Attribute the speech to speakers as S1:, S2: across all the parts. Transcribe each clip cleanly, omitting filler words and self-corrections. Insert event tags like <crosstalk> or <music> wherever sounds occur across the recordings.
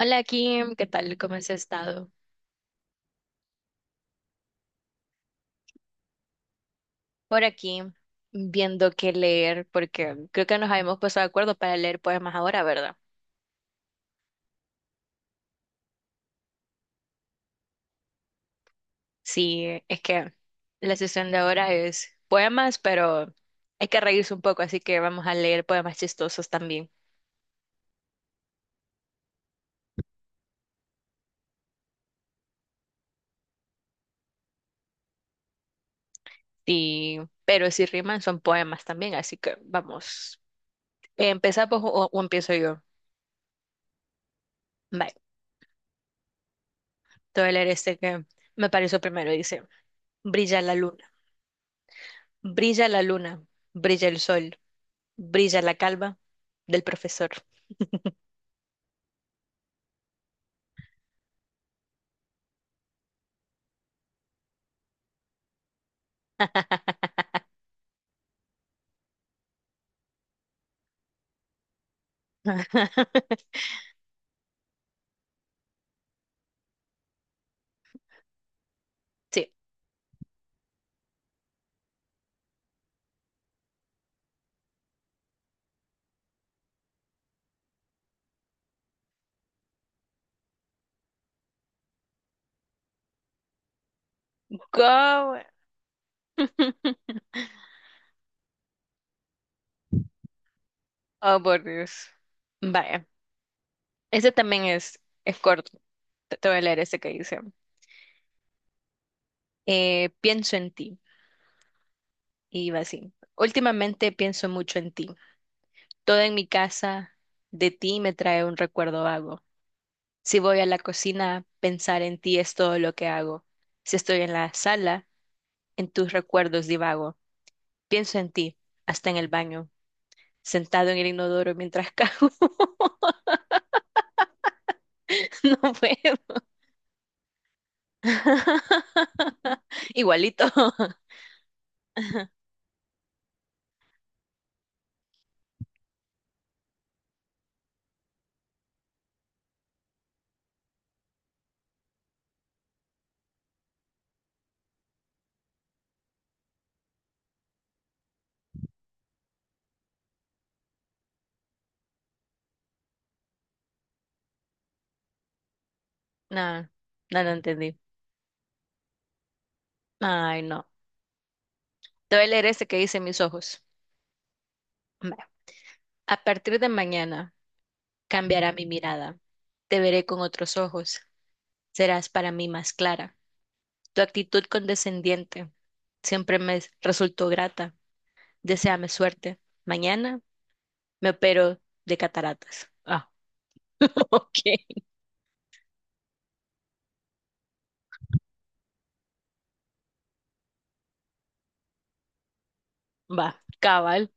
S1: Hola Kim, ¿qué tal? ¿Cómo has estado? Por aquí, viendo qué leer, porque creo que nos habíamos puesto de acuerdo para leer poemas ahora, ¿verdad? Sí, es que la sesión de ahora es poemas, pero hay que reírse un poco, así que vamos a leer poemas chistosos también. Y, pero si riman son poemas también, así que vamos. ¿Empezamos o empiezo yo? Vale, te voy a leer este que me pareció primero. Dice, brilla la luna, brilla la luna, brilla el sol, brilla la calma del profesor. <laughs> Sí. Go- Oh, por Dios. Vaya, ese también es corto. Te voy a leer ese que dice. Pienso en ti. Y va así. Últimamente pienso mucho en ti. Todo en mi casa de ti me trae un recuerdo vago. Si voy a la cocina, pensar en ti es todo lo que hago. Si estoy en la sala, en tus recuerdos divago. Pienso en ti, hasta en el baño, sentado en el inodoro mientras cago. <laughs> No puedo. <laughs> Igualito. <laughs> No, no lo entendí. Ay, no. Te voy a leer este que dice mis ojos. Va. A partir de mañana cambiará mi mirada. Te veré con otros ojos. Serás para mí más clara. Tu actitud condescendiente siempre me resultó grata. Deséame suerte. Mañana me opero de cataratas. Ah, <laughs> ok. Va, cabal.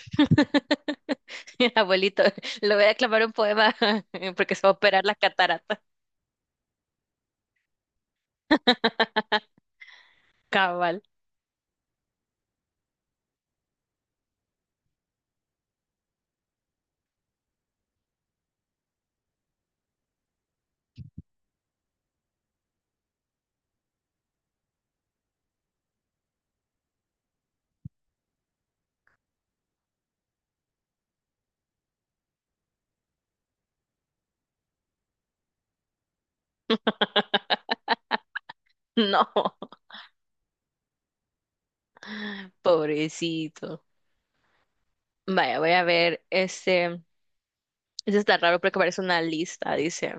S1: <laughs> Abuelito, le voy a declamar un poema <laughs> porque se va a operar las cataratas. Cabal. No, <laughs> pobrecito. Vaya, voy a ver. Este está raro porque parece una lista. Dice,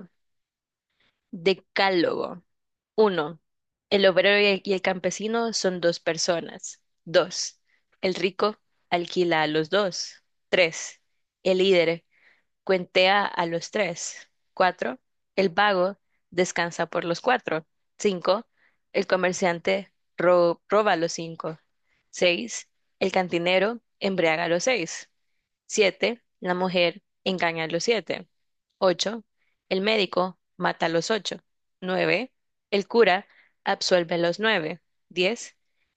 S1: Decálogo. Uno, el obrero y el campesino son dos personas. Dos, el rico alquila a los dos. Tres, el líder cuentea a los tres. Cuatro, el vago descansa por los cuatro. Cinco, el comerciante roba a los cinco. Seis, el cantinero embriaga a los seis. Siete, la mujer engaña a los siete. Ocho, el médico mata a los ocho. Nueve, el cura absuelve a los nueve. 10,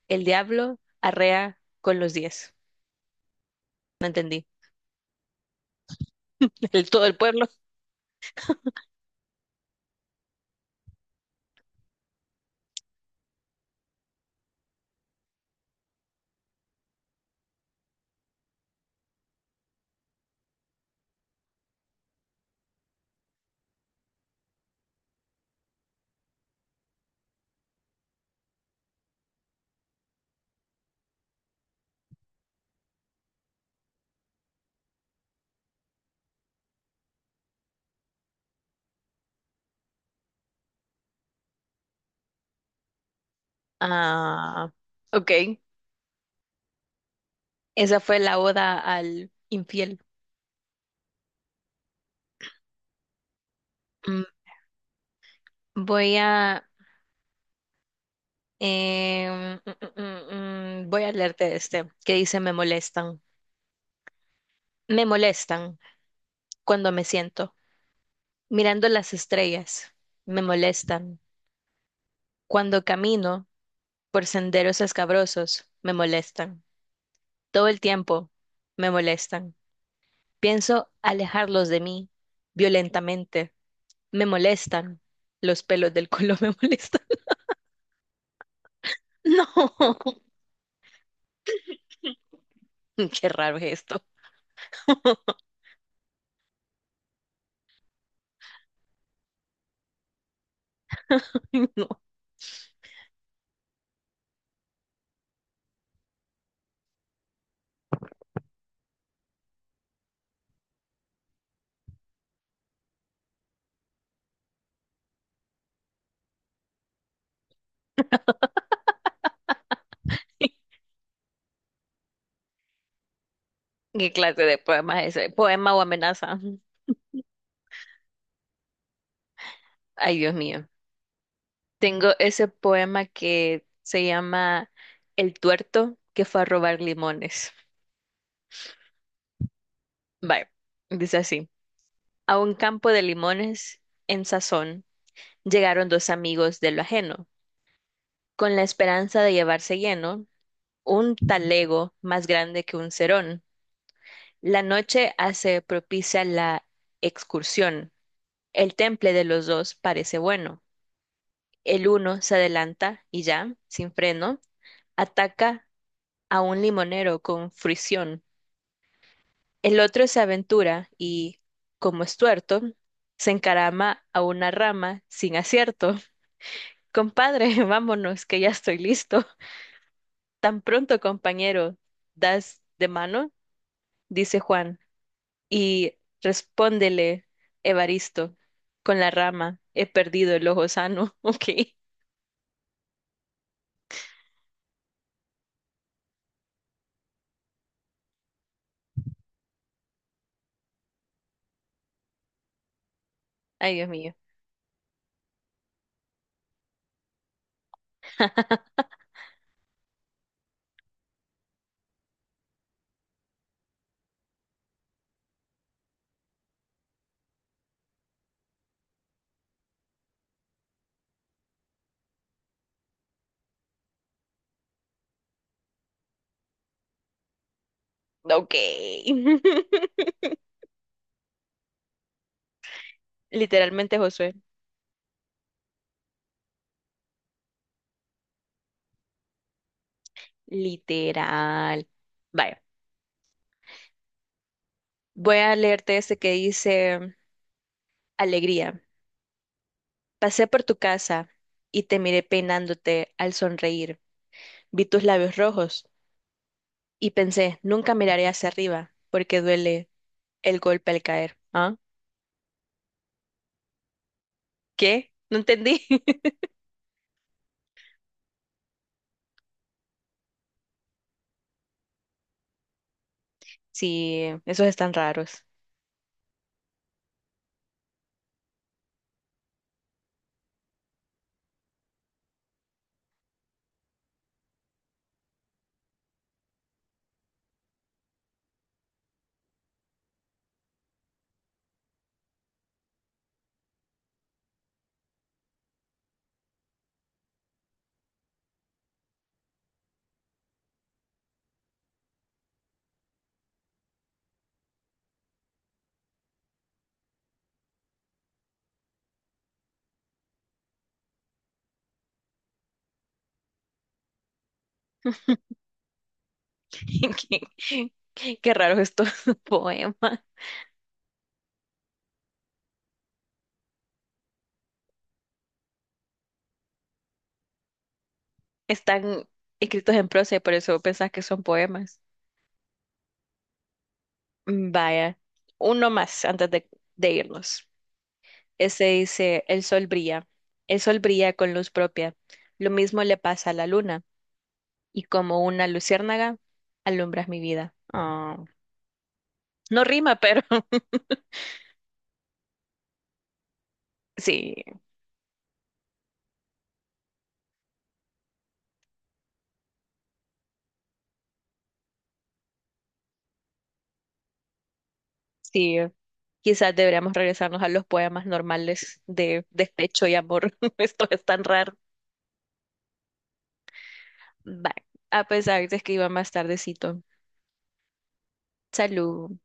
S1: el diablo arrea con los 10. No entendí. <laughs> El, todo el pueblo. Ah, ok. Esa fue la oda al infiel. Mm, Voy a, em, mm, mm, mm, mm, voy a leerte este, que dice, me molestan. Me molestan cuando me siento, mirando las estrellas. Me molestan. Cuando camino por senderos escabrosos, me molestan. Todo el tiempo, me molestan. Pienso alejarlos de mí, violentamente. Me molestan. Los pelos del culo <laughs> me molestan. No, <laughs> qué raro es esto. <laughs> No. ¿Qué clase de poema es ese? ¿Poema o amenaza? Ay, Dios mío. Tengo ese poema que se llama El tuerto que fue a robar limones. Bye. Dice así. A un campo de limones en sazón llegaron dos amigos de lo ajeno, con la esperanza de llevarse lleno un talego más grande que un cerón. La noche hace propicia la excursión. El temple de los dos parece bueno. El uno se adelanta y ya, sin freno, ataca a un limonero con fricción. El otro se aventura y, como es tuerto, se encarama a una rama sin acierto. Compadre, <laughs> vámonos, que ya estoy listo. <laughs> Tan pronto, compañero, das de mano, dice Juan, y respóndele Evaristo con la rama. He perdido el ojo sano. <laughs> Ok. Ay, Dios mío. Ok. <laughs> Literalmente, Josué. Literal. Vaya, voy a leerte este que dice, Alegría, pasé por tu casa y te miré peinándote al sonreír. Vi tus labios rojos y pensé, nunca miraré hacia arriba porque duele el golpe al caer. ¿Ah? ¿Qué? No entendí. <laughs> Sí, esos están raros. <laughs> Qué raros estos <laughs> poemas. Están escritos en prosa y por eso pensás que son poemas. Vaya, uno más antes de irnos. Este dice, el sol brilla con luz propia. Lo mismo le pasa a la luna, y como una luciérnaga, alumbras mi vida. Ah, no rima, pero <laughs> sí, sí. Quizás deberíamos regresarnos a los poemas normales de despecho y amor. <laughs> Esto es tan raro. Va, a pesar de que iba más tardecito. Salud.